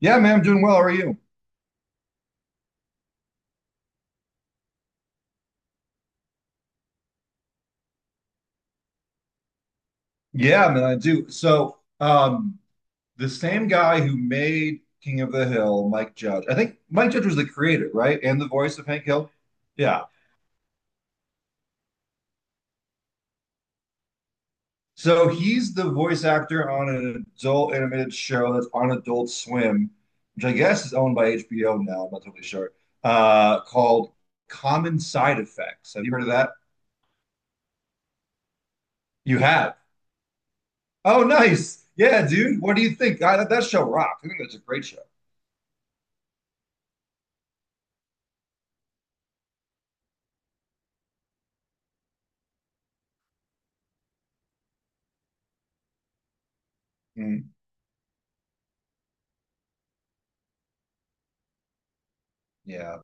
Yeah, man, I'm doing well. How are you? Yeah, man, I do. The same guy who made King of the Hill, Mike Judge. I think Mike Judge was the creator, right? And the voice of Hank Hill. Yeah. So he's the voice actor on an adult animated show that's on Adult Swim, which I guess is owned by HBO now. I'm not totally sure. Called Common Side Effects. Have you heard of that? You have. Oh, nice. Yeah, dude. What do you think? That show rocks. I think that's a great show. Mm, yeah.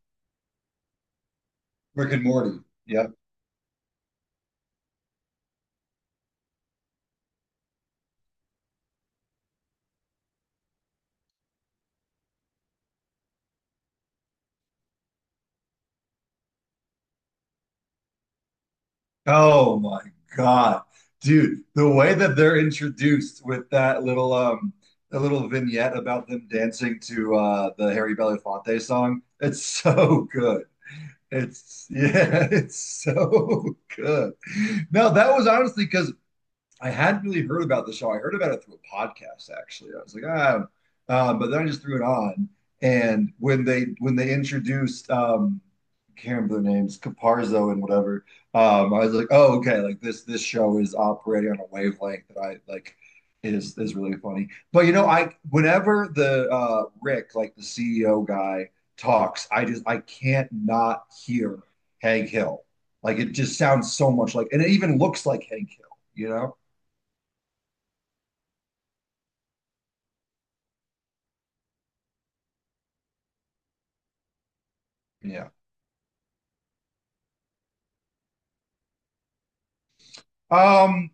Rick and Morty. Yep. Oh my God. Dude, the way that they're introduced with that little the little vignette about them dancing to the Harry Belafonte song, it's so good. It's Yeah, it's so good. No, that was honestly because I hadn't really heard about the show. I heard about it through a podcast, actually. I was like, but then I just threw it on. And when they introduced, I can't remember their names, Caparzo and whatever, I was like, oh, okay, like this show is operating on a wavelength that I like is really funny. But you know, I whenever the Rick, like the CEO guy, talks, I can't not hear Hank Hill. Like it just sounds so much like, and it even looks like Hank Hill. You know? Yeah. Um,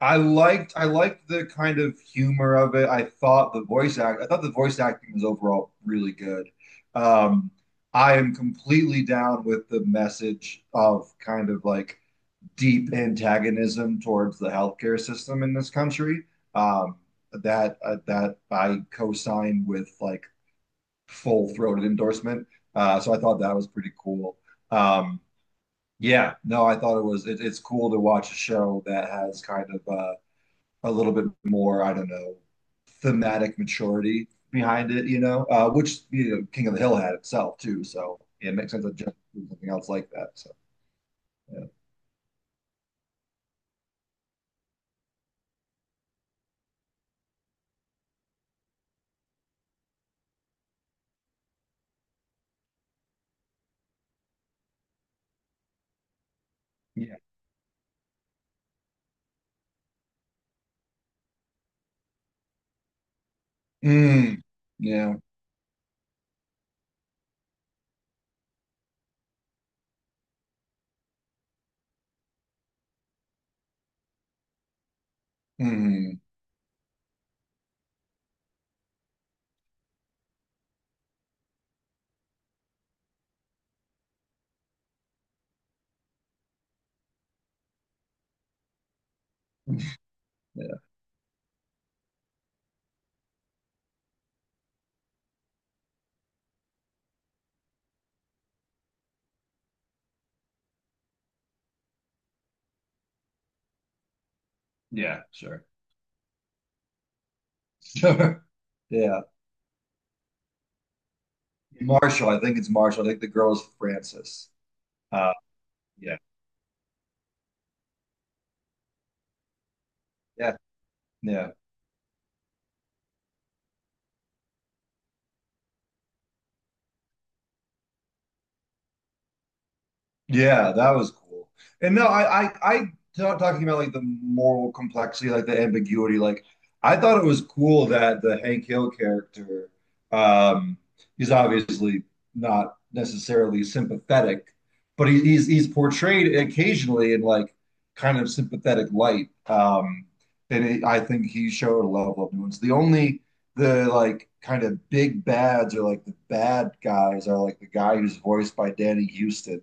I liked the kind of humor of it. I thought the voice acting was overall really good. Um, I am completely down with the message of kind of like deep antagonism towards the healthcare system in this country. Um, that I co-signed with like full-throated endorsement. So I thought that was pretty cool. Um, Yeah, no, I thought it was it, it's cool to watch a show that has kind of a little bit more, I don't know, thematic maturity behind it, you know, which you know, King of the Hill had itself too. So yeah, it makes sense that just do something else like that. So yeah, yeah, mm, yeah, mm, yeah, yeah, sure, sure, yeah. Marshall, I think it's Marshall. I think the girl is Frances. Uh, yeah, yeah, yeah. Yeah, that was cool. And no, I not talking about like the moral complexity, like the ambiguity. Like, I thought it was cool that the Hank Hill character, um, he's obviously not necessarily sympathetic, but he's portrayed occasionally in like kind of sympathetic light. And it, I think he showed a level of nuance. The like kind of big bads or like the bad guys are like the guy who's voiced by Danny Houston,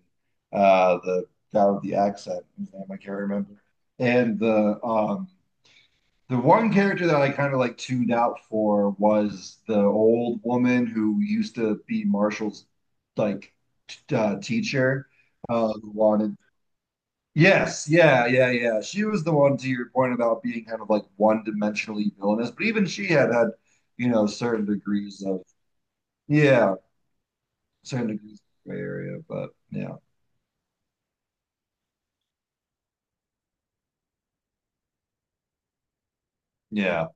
the guy with the accent, whose name I can't remember. And the one character that I kind of like tuned out for was the old woman who used to be Marshall's like teacher. Who wanted. Yes, She was the one to your point about being kind of like one-dimensionally villainous, but even she had you know, certain degrees of yeah, certain degrees of gray area. But yeah, yeah,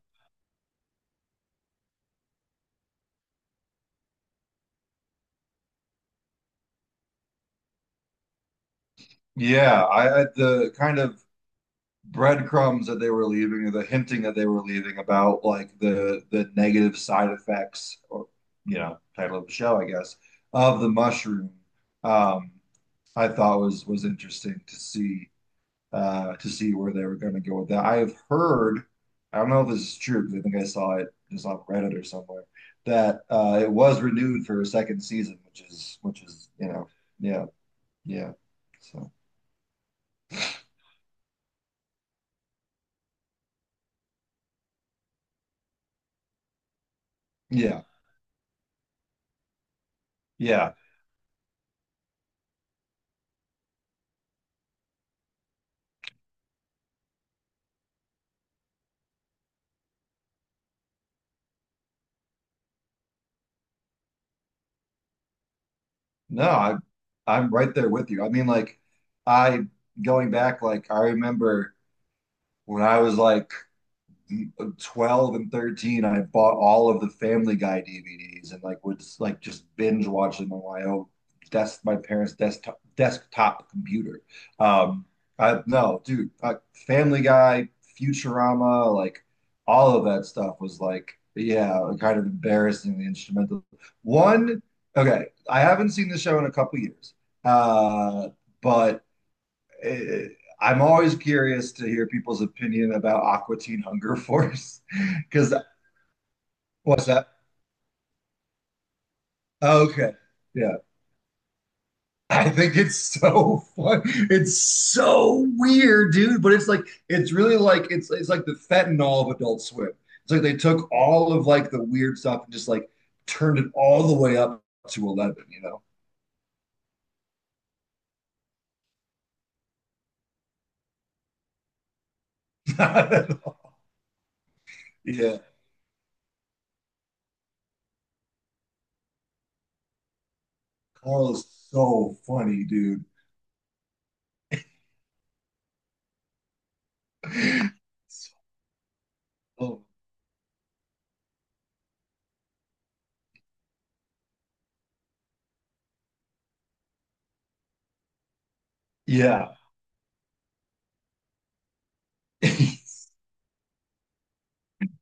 yeah. I the kind of breadcrumbs that they were leaving or the hinting that they were leaving about like the negative side effects or you know title of the show I guess of the mushroom, um I thought was interesting to see, to see where they were going to go with that. I have heard, I don't know if this is true because I think I saw it just on Reddit or somewhere, that it was renewed for a second season, which is you know, yeah, yeah, so yeah, yeah. No, I'm right there with you. I mean, like, I going back, like, I remember when I was like 12 and 13 I bought all of the Family Guy DVDs and like would like just binge watch them on my own desk my parents desktop computer. um I no dude, Family Guy, Futurama, like all of that stuff was like yeah kind of embarrassing the instrumental one. Okay, I haven't seen the show in a couple years, uh but it, I'm always curious to hear people's opinion about Aqua Teen Hunger Force because what's that? Oh, okay. Yeah. I think it's so fun. It's so weird, dude, but it's like it's like the fentanyl of Adult Swim. It's like they took all of like the weird stuff and just like turned it all the way up to 11, you know? Not at all. Yeah. Carl is so funny, dude. So, yeah.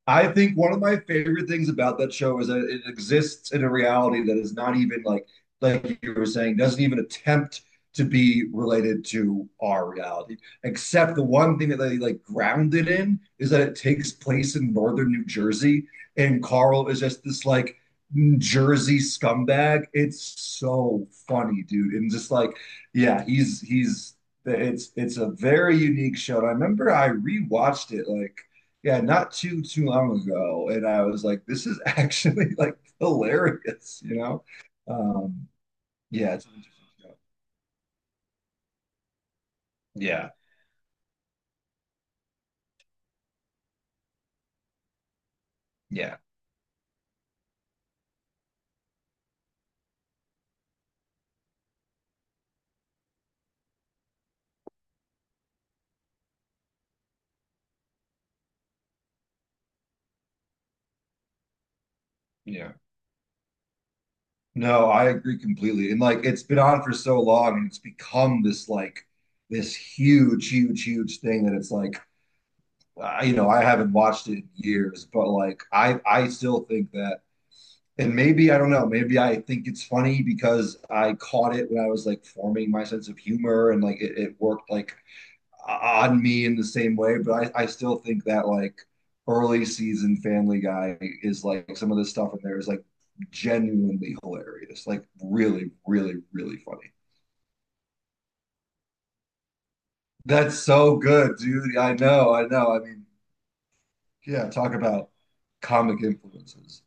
I think one of my favorite things about that show is that it exists in a reality that is not even like you were saying, doesn't even attempt to be related to our reality. Except the one thing that they like grounded in is that it takes place in northern New Jersey, and Carl is just this like Jersey scumbag. It's so funny, dude. And just like, yeah, he's it's a very unique show. And I remember I rewatched it like yeah, not too long ago, and I was like, "This is actually like hilarious," you know? Um, yeah, it's an interesting show. Yeah, yeah, yeah. No, I agree completely. And like, it's been on for so long, and it's become this like this huge, huge, huge thing that it's like, you know, I haven't watched it in years, but like, I still think that, and maybe I don't know, maybe I think it's funny because I caught it when I was like forming my sense of humor, and like it worked like on me in the same way, but I still think that like early season Family Guy is like some of the stuff in there is like genuinely hilarious, like really, really, really funny. That's so good, dude. I know, I know. I mean, yeah, talk about comic influences.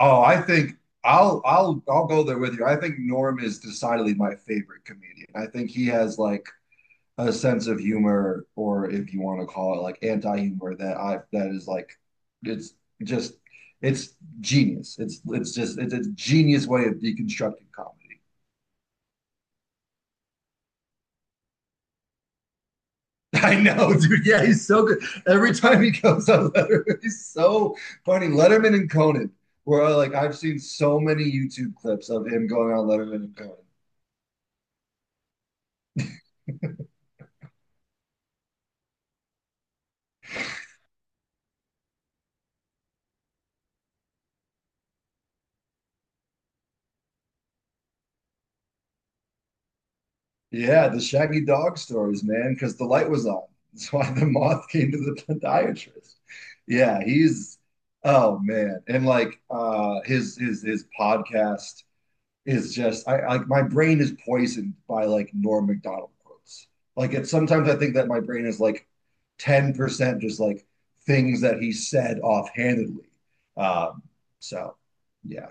Oh, I think I'll go there with you. I think Norm is decidedly my favorite comedian. I think he has like a sense of humor, or if you want to call it like anti-humor that I that is like it's just it's genius. It's a genius way of deconstructing comedy. I know, dude. Yeah, he's so good. Every time he goes on Letterman, he's so funny. Letterman and Conan, where like I've seen so many YouTube clips of him going on Letterman and Conan. Yeah, the shaggy dog stories, man, because the light was on. That's why the moth came to the podiatrist. Yeah, he's oh man. And like his podcast is just I like my brain is poisoned by like Norm Macdonald quotes. Like it's sometimes I think that my brain is like 10% just like things that he said offhandedly. Um, so yeah.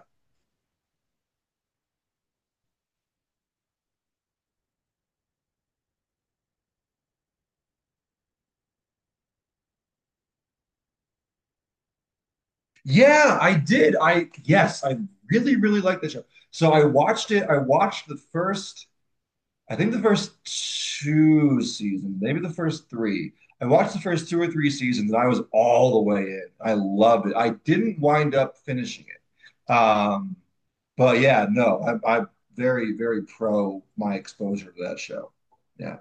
Yeah, I did. I really, really liked the show. So I watched it. I think the first two seasons, maybe the first three. I watched the first two or three seasons and I was all the way in. I loved it. I didn't wind up finishing it. But yeah, no, I'm very, very pro my exposure to that show. Yeah.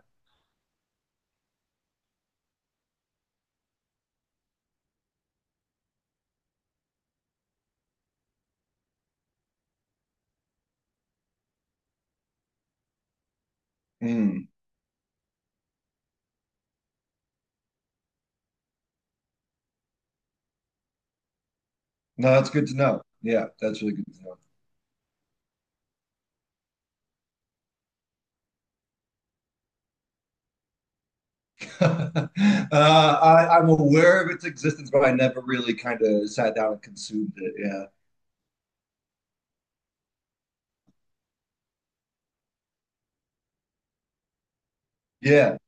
Mm. No, that's good to know. Yeah, that's really good to know. uh, I'm aware of its existence, but I never really kind of sat down and consumed it. Yeah. Yeah.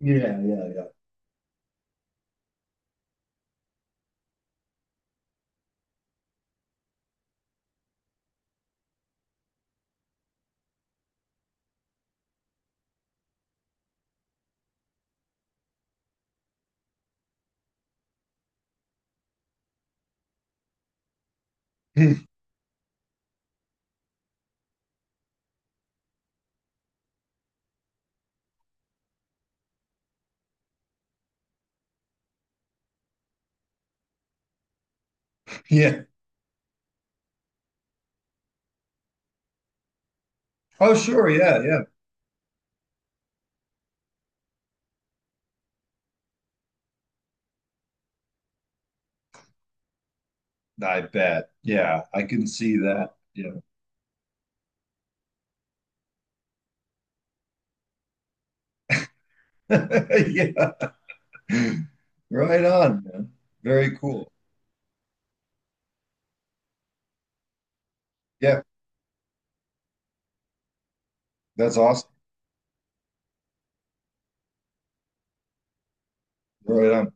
Yeah. Yeah. Yeah. yeah. Oh, sure. Yeah. Yeah. I bet. Yeah. I can see that. Yeah. yeah. Right on, man. Very cool. Yeah. That's awesome. Right on.